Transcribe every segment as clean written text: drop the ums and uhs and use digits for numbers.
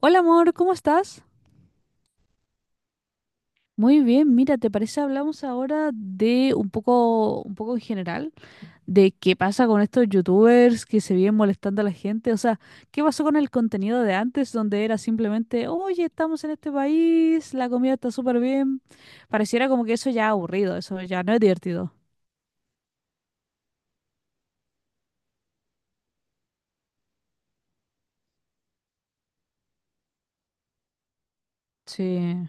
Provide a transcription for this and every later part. Hola amor, ¿cómo estás? Muy bien, mira, ¿te parece hablamos ahora de un poco, en general, de qué pasa con estos youtubers que se vienen molestando a la gente? O sea, ¿qué pasó con el contenido de antes donde era simplemente, oye, estamos en este país, la comida está súper bien? Pareciera como que eso ya es aburrido, eso ya no es divertido. Sí,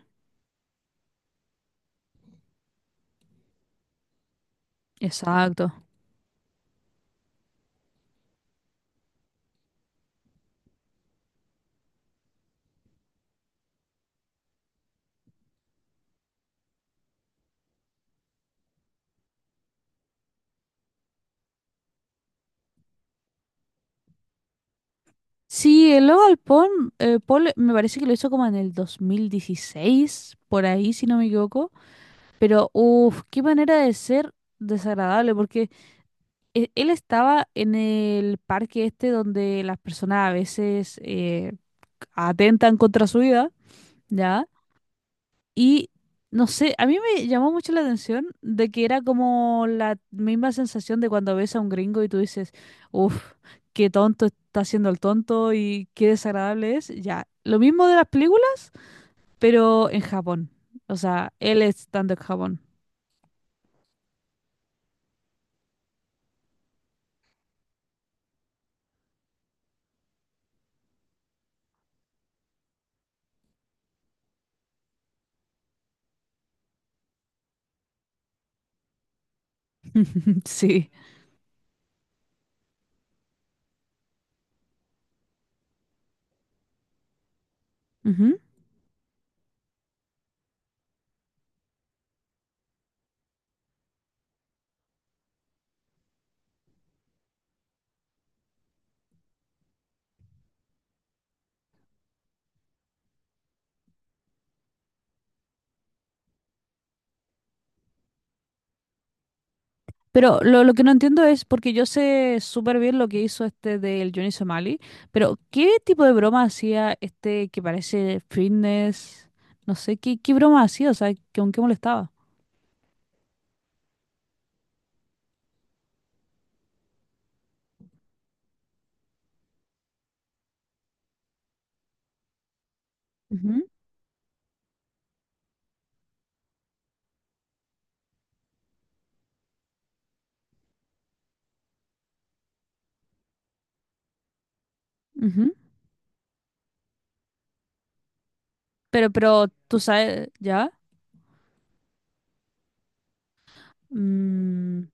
exacto. Sí, el Logan Paul, Paul me parece que lo hizo como en el 2016, por ahí, si no me equivoco. Pero, uff, qué manera de ser desagradable, porque él estaba en el parque este donde las personas a veces atentan contra su vida, ¿ya? Y no sé, a mí me llamó mucho la atención de que era como la misma sensación de cuando ves a un gringo y tú dices, uff, qué tonto está haciendo el tonto y qué desagradable es, ya. Lo mismo de las películas, pero en Japón. O sea, él estando en Japón. Sí. Pero lo que no entiendo es, porque yo sé súper bien lo que hizo este del Johnny Somali, pero ¿qué tipo de broma hacía este que parece fitness? No sé, qué broma hacía? O sea, ¿con qué molestaba? Ujú, ujú. Pero, tú sabes, ¿ya? Mm,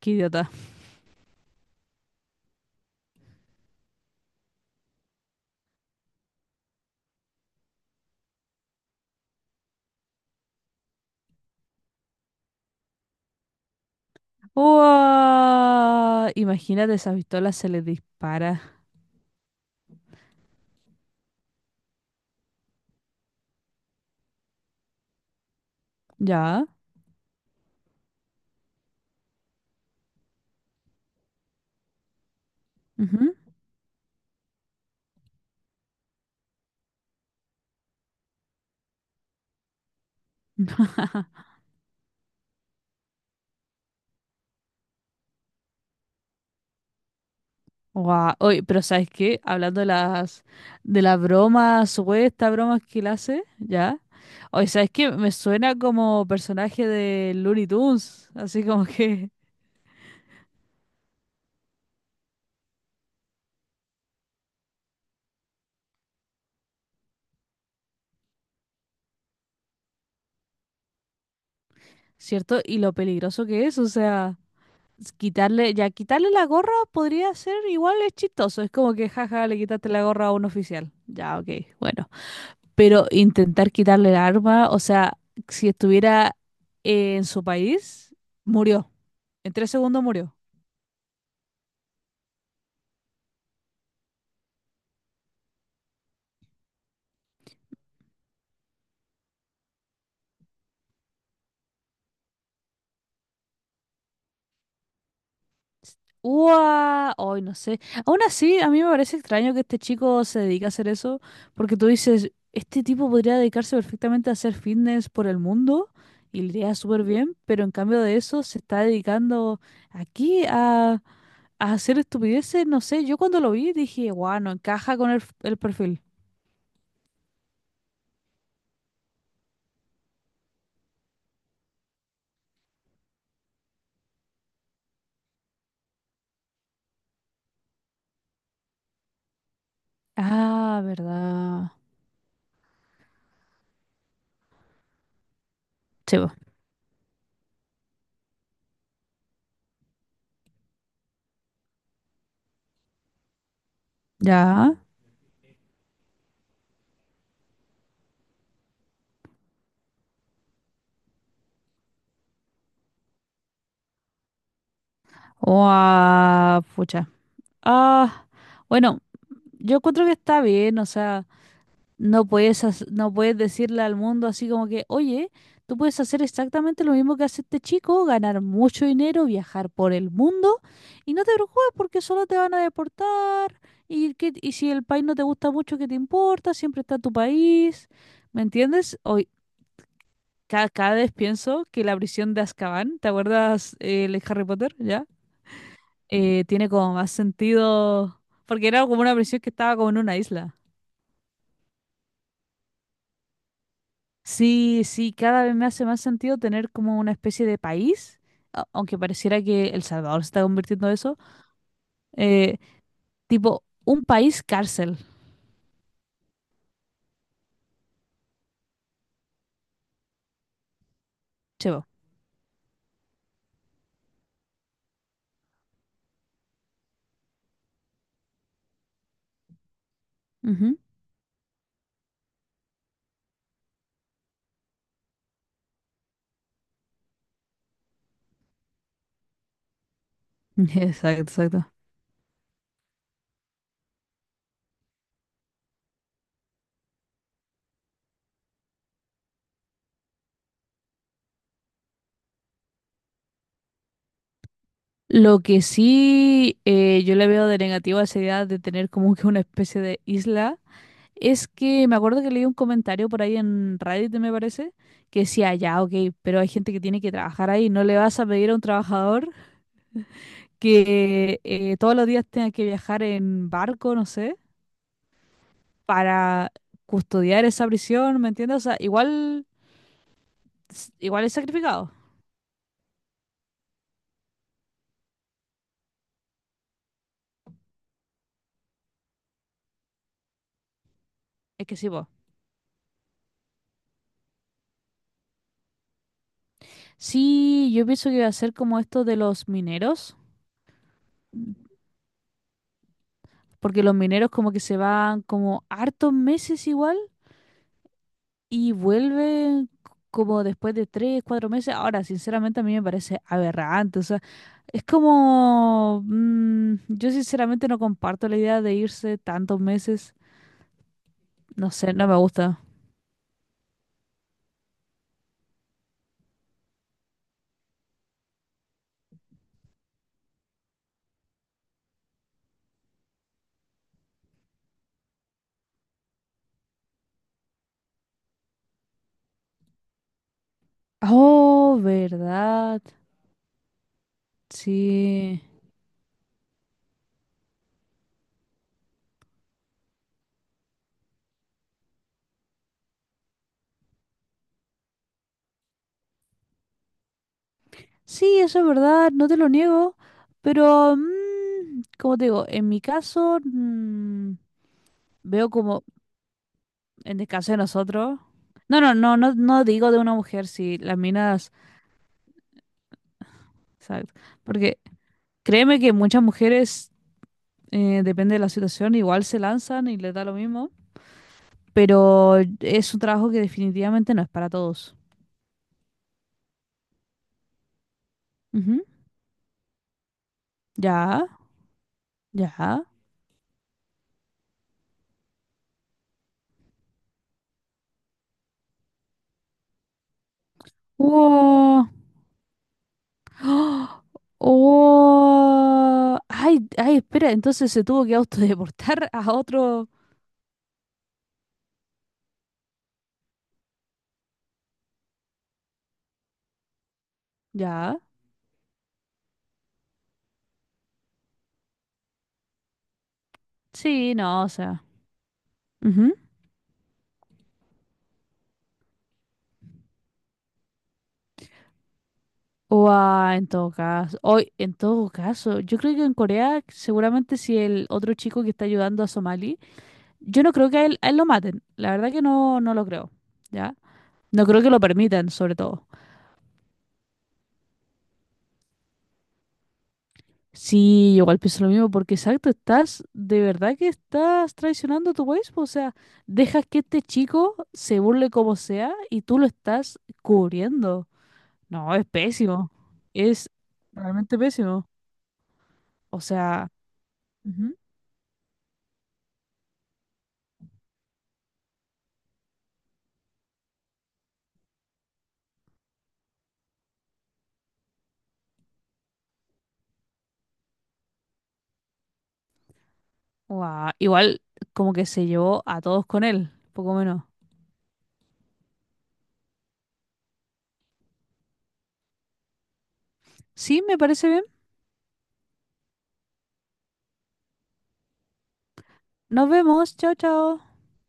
qué idiota. Uah, imagínate, esa pistola se le dispara. ¿Ya? Ujú. Guau, oye, pero ¿sabes qué? Hablando de las bromas, supuestas bromas que él hace, ¿ya? Oye, ¿sabes qué? Me suena como personaje de Looney Tunes, así como que, ¿cierto? Y lo peligroso que es, o sea, quitarle, ya quitarle la gorra podría ser, igual es chistoso, es como que jaja, le quitaste la gorra a un oficial. Ya, ok, bueno. Pero intentar quitarle el arma, o sea, si estuviera en su país, murió. En tres segundos murió. Ua, hoy no sé. Aún así, a mí me parece extraño que este chico se dedique a hacer eso, porque tú dices, este tipo podría dedicarse perfectamente a hacer fitness por el mundo y le iría súper bien, pero en cambio de eso se está dedicando aquí a hacer estupideces. No sé, yo cuando lo vi dije, guau, no encaja con el, el perfil. Ah, verdad. Sí, bo. Ya. Guau, pucha. Ah, bueno, yo encuentro que está bien, o sea. No puedes, no puedes decirle al mundo así como que, oye, tú puedes hacer exactamente lo mismo que hace este chico, ganar mucho dinero, viajar por el mundo y no te preocupes porque solo te van a deportar y, que, y si el país no te gusta mucho, ¿qué te importa? Siempre está tu país. ¿Me entiendes? Hoy, cada vez pienso que la prisión de Azkaban, ¿te acuerdas el Harry Potter? ¿Ya? Tiene como más sentido porque era como una prisión que estaba como en una isla. Sí, sí, cada vez me hace más sentido tener como una especie de país, aunque pareciera que El Salvador se está convirtiendo en eso, eh, tipo un país cárcel, chevo. Ujú. Exacto, exacto. Lo que sí yo le veo de negativo a esa idea de tener como que una especie de isla es que me acuerdo que leí un comentario por ahí en Reddit, me parece, que decía, ya, ok, pero hay gente que tiene que trabajar ahí, no le vas a pedir a un trabajador que todos los días tenga que viajar en barco, no sé, para custodiar esa prisión, ¿me entiendes? O sea, igual, igual es sacrificado. Es que sí, vos. Sí, yo pienso que va a ser como esto de los mineros, porque los mineros como que se van como hartos meses igual y vuelven como después de tres, cuatro meses. Ahora, sinceramente a mí me parece aberrante, o sea, es como mm, yo sinceramente no comparto la idea de irse tantos meses. No sé, no me gusta. Oh, verdad. Sí. Sí, eso es verdad, no te lo niego. Pero, mm, como te digo, en mi caso, mm, veo como, en el caso de nosotros. No, no, no, no, no digo de una mujer, sí, las minas. Exacto. Porque créeme que muchas mujeres, depende de la situación, igual se lanzan y les da lo mismo. Pero es un trabajo que definitivamente no es para todos. Ujú. Ya, ya. Wow. ¡Ah! ¡Oh! Ay, ay, espera, entonces se tuvo que autodeportar a otro. Ya. Sí, no, o sea. Ujú. O a, en todo caso. Hoy, en todo caso, yo creo que en Corea, seguramente si el otro chico que está ayudando a Somali, yo no creo que a él lo maten. La verdad que no, no lo creo. ¿Ya? No creo que lo permitan, sobre todo. Sí, yo igual pienso lo mismo, porque exacto, estás, de verdad que estás traicionando a tu país, po, o sea, dejas que este chico se burle como sea y tú lo estás cubriendo. No, es pésimo, es realmente pésimo. O sea, ujú, guau, igual como que se llevó a todos con él, poco menos. Sí, me parece bien. Nos vemos, chao, chao.